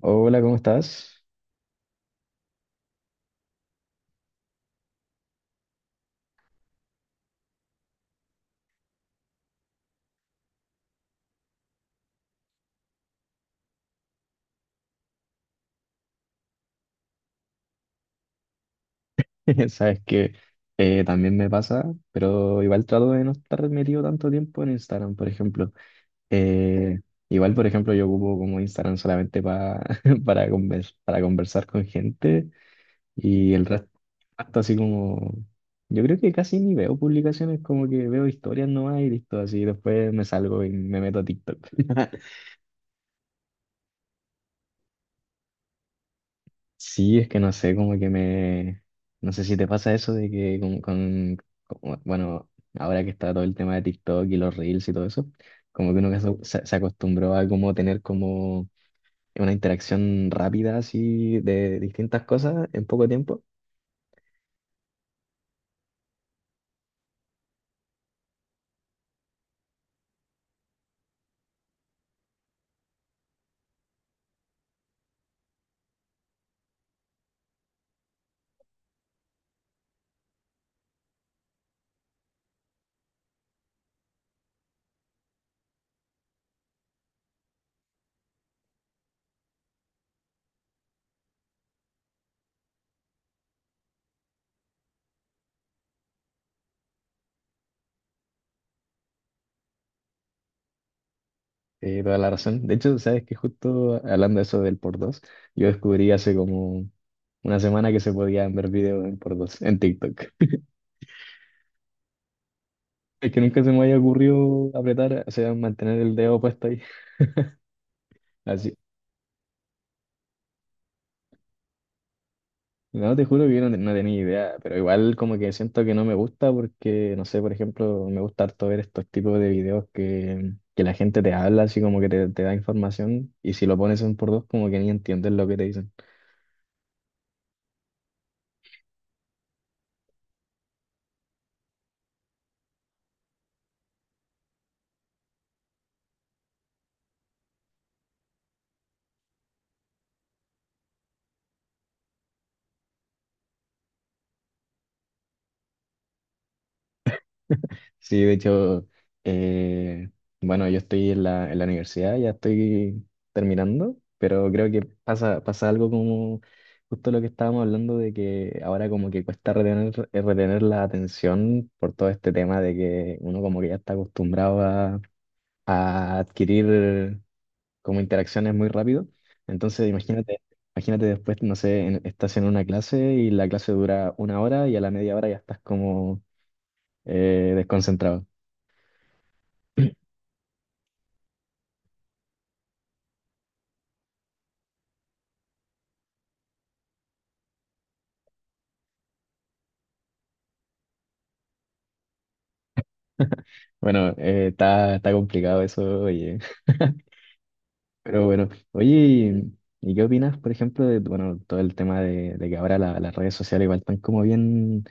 Hola, ¿cómo estás? Sabes que también me pasa, pero igual trato de no estar metido tanto tiempo en Instagram, por ejemplo. Eh, Igual, por ejemplo, yo ocupo como Instagram solamente para, para conversar con gente y el resto, hasta así como, yo creo que casi ni veo publicaciones, como que veo historias nomás y listo, así después me salgo y me meto a TikTok. Sí, es que no sé, como que me... No sé si te pasa eso de que Bueno, ahora que está todo el tema de TikTok y los reels y todo eso, como que uno que se acostumbró a como tener como una interacción rápida así de distintas cosas en poco tiempo. Toda la razón. De hecho, sabes que justo hablando de eso del por dos, yo descubrí hace como una semana que se podían ver videos en por dos en TikTok. Es que nunca se me había ocurrido apretar, o sea, mantener el dedo puesto ahí. Así. No, te juro que yo no tenía idea, pero igual como que siento que no me gusta porque, no sé, por ejemplo, me gusta harto ver estos tipos de videos que la gente te habla, así como que te da información y si lo pones en por dos como que ni entiendes lo que te dicen. Sí, de hecho, eh, bueno, yo estoy en la universidad, ya estoy terminando, pero creo que pasa algo como justo lo que estábamos hablando de que ahora como que cuesta retener, retener la atención por todo este tema de que uno como que ya está acostumbrado a adquirir como interacciones muy rápido. Entonces, imagínate después, no sé, estás en una clase y la clase dura una hora y a la media hora ya estás como desconcentrado. Bueno, está complicado eso, oye. Pero bueno, oye, ¿y qué opinas, por ejemplo, de bueno, todo el tema de que ahora las redes sociales igual están como bien,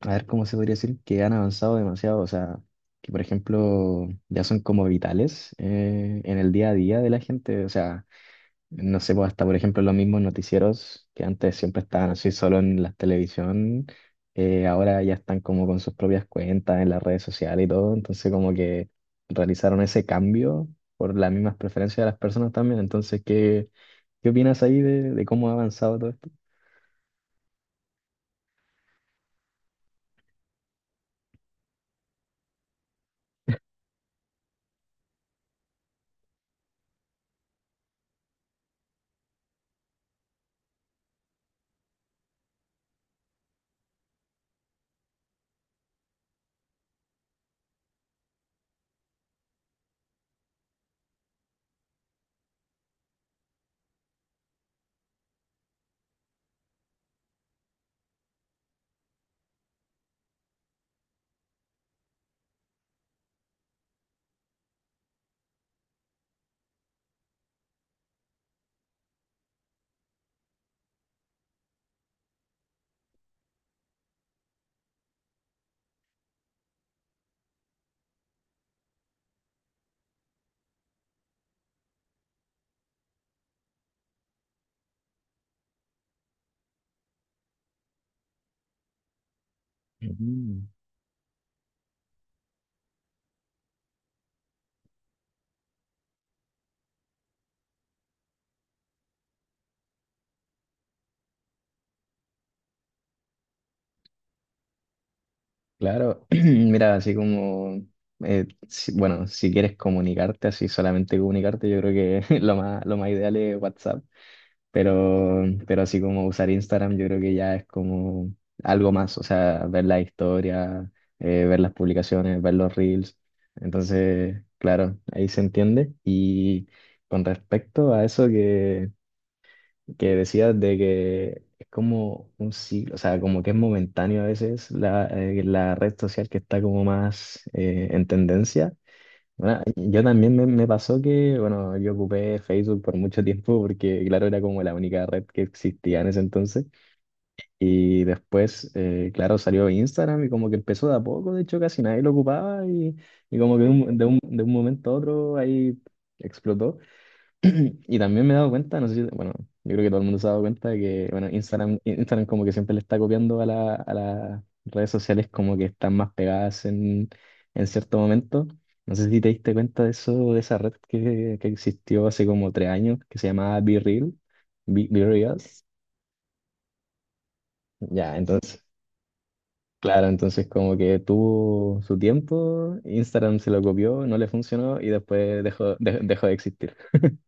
a ver cómo se podría decir, que han avanzado demasiado? O sea, que por ejemplo ya son como vitales en el día a día de la gente. O sea, no sé, pues hasta por ejemplo los mismos noticieros que antes siempre estaban así solo en la televisión, ahora ya están como con sus propias cuentas en las redes sociales y todo, entonces como que realizaron ese cambio por las mismas preferencias de las personas también, entonces ¿qué, qué opinas ahí de cómo ha avanzado todo esto? Ujú. Claro, mira, así como, bueno, si quieres comunicarte, así solamente comunicarte, yo creo que lo más ideal es WhatsApp. Pero, pero así como usar Instagram, yo creo que ya es como algo más, o sea, ver la historia, ver las publicaciones, ver los reels. Entonces, claro, ahí se entiende. Y con respecto a eso que decías de que es como un ciclo, o sea, como que es momentáneo a veces la, la red social que está como más en tendencia. Bueno, yo también me pasó que, bueno, yo ocupé Facebook por mucho tiempo porque, claro, era como la única red que existía en ese entonces. Y después, claro, salió Instagram y como que empezó de a poco, de hecho, casi nadie lo ocupaba y como que de un, de un momento a otro ahí explotó. Y también me he dado cuenta, no sé si, bueno, yo creo que todo el mundo se ha dado cuenta de que, bueno, Instagram como que siempre le está copiando a la, a las redes sociales como que están más pegadas en cierto momento. No sé si te diste cuenta de eso, de esa red que existió hace como tres años, que se llamaba Be Reals. Ya, entonces, claro, entonces como que tuvo su tiempo, Instagram se lo copió, no le funcionó y después dejó de existir.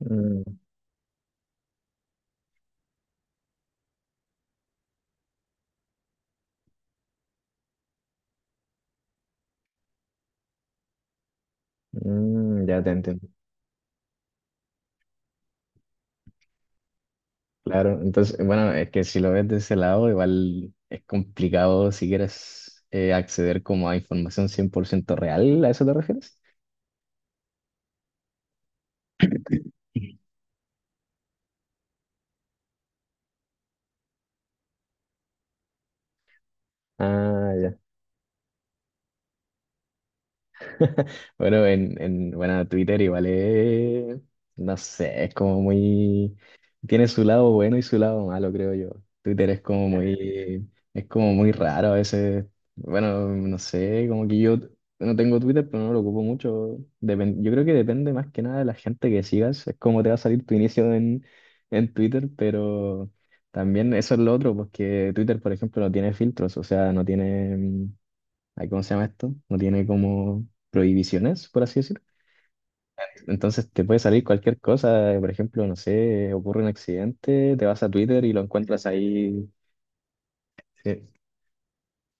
Mm, ya te entiendo. Claro, entonces, bueno, es que si lo ves de ese lado, igual es complicado si quieres acceder como a información 100% real, ¿a eso te refieres? Ah, Bueno, en bueno, Twitter igual es, no sé, es como muy, tiene su lado bueno y su lado malo, creo yo. Twitter es como muy raro a veces. Bueno, no sé, como que yo no tengo Twitter, pero no lo ocupo mucho. Yo creo que depende más que nada de la gente que sigas, es como te va a salir tu inicio en Twitter, pero también eso es lo otro, porque Twitter, por ejemplo, no tiene filtros, o sea, no tiene... ay, ¿cómo se llama esto? No tiene como prohibiciones, por así decir. Entonces te puede salir cualquier cosa, por ejemplo, no sé, ocurre un accidente, te vas a Twitter y lo encuentras ahí eh,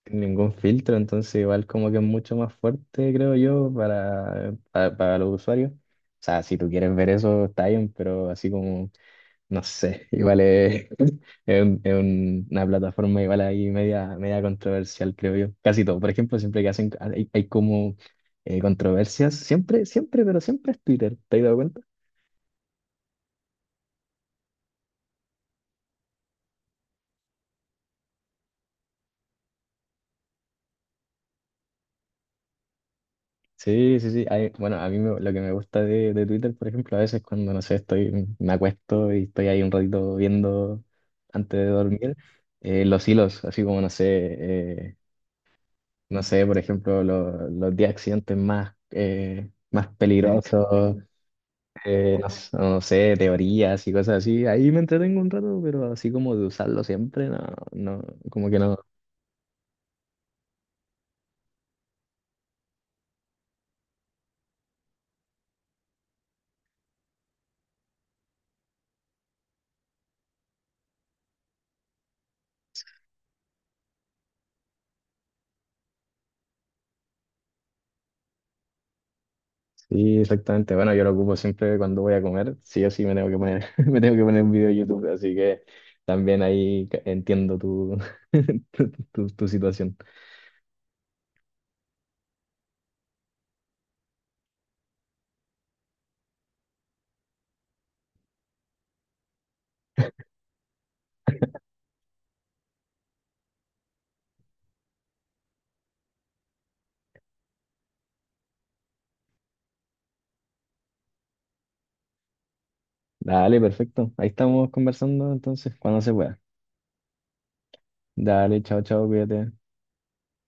sin ningún filtro, entonces igual como que es mucho más fuerte, creo yo, para los usuarios. O sea, si tú quieres ver eso, está bien, pero así como No sé, igual es, una plataforma igual ahí media controversial, creo yo. Casi todo. Por ejemplo, siempre que hacen, hay como controversias, siempre, siempre, pero siempre es Twitter, ¿te has dado cuenta? Sí, sí, sí. Bueno, a mí lo que me gusta de Twitter, por ejemplo, a veces cuando, no sé, estoy, me acuesto y estoy ahí un ratito viendo antes de dormir, los hilos, así como, no sé, no sé, por ejemplo, los 10 accidentes más, más Sí. peligrosos no, no sé, teorías y cosas así. Ahí me entretengo un rato, pero así como de usarlo siempre, no, no, como que no. Sí, exactamente. Bueno, yo lo ocupo siempre cuando voy a comer. Sí o sí me tengo que poner, me tengo que poner un video de YouTube, así que también ahí entiendo tu, tu situación. Dale, perfecto. Ahí estamos conversando entonces, cuando se pueda. Dale, chao, chao, cuídate.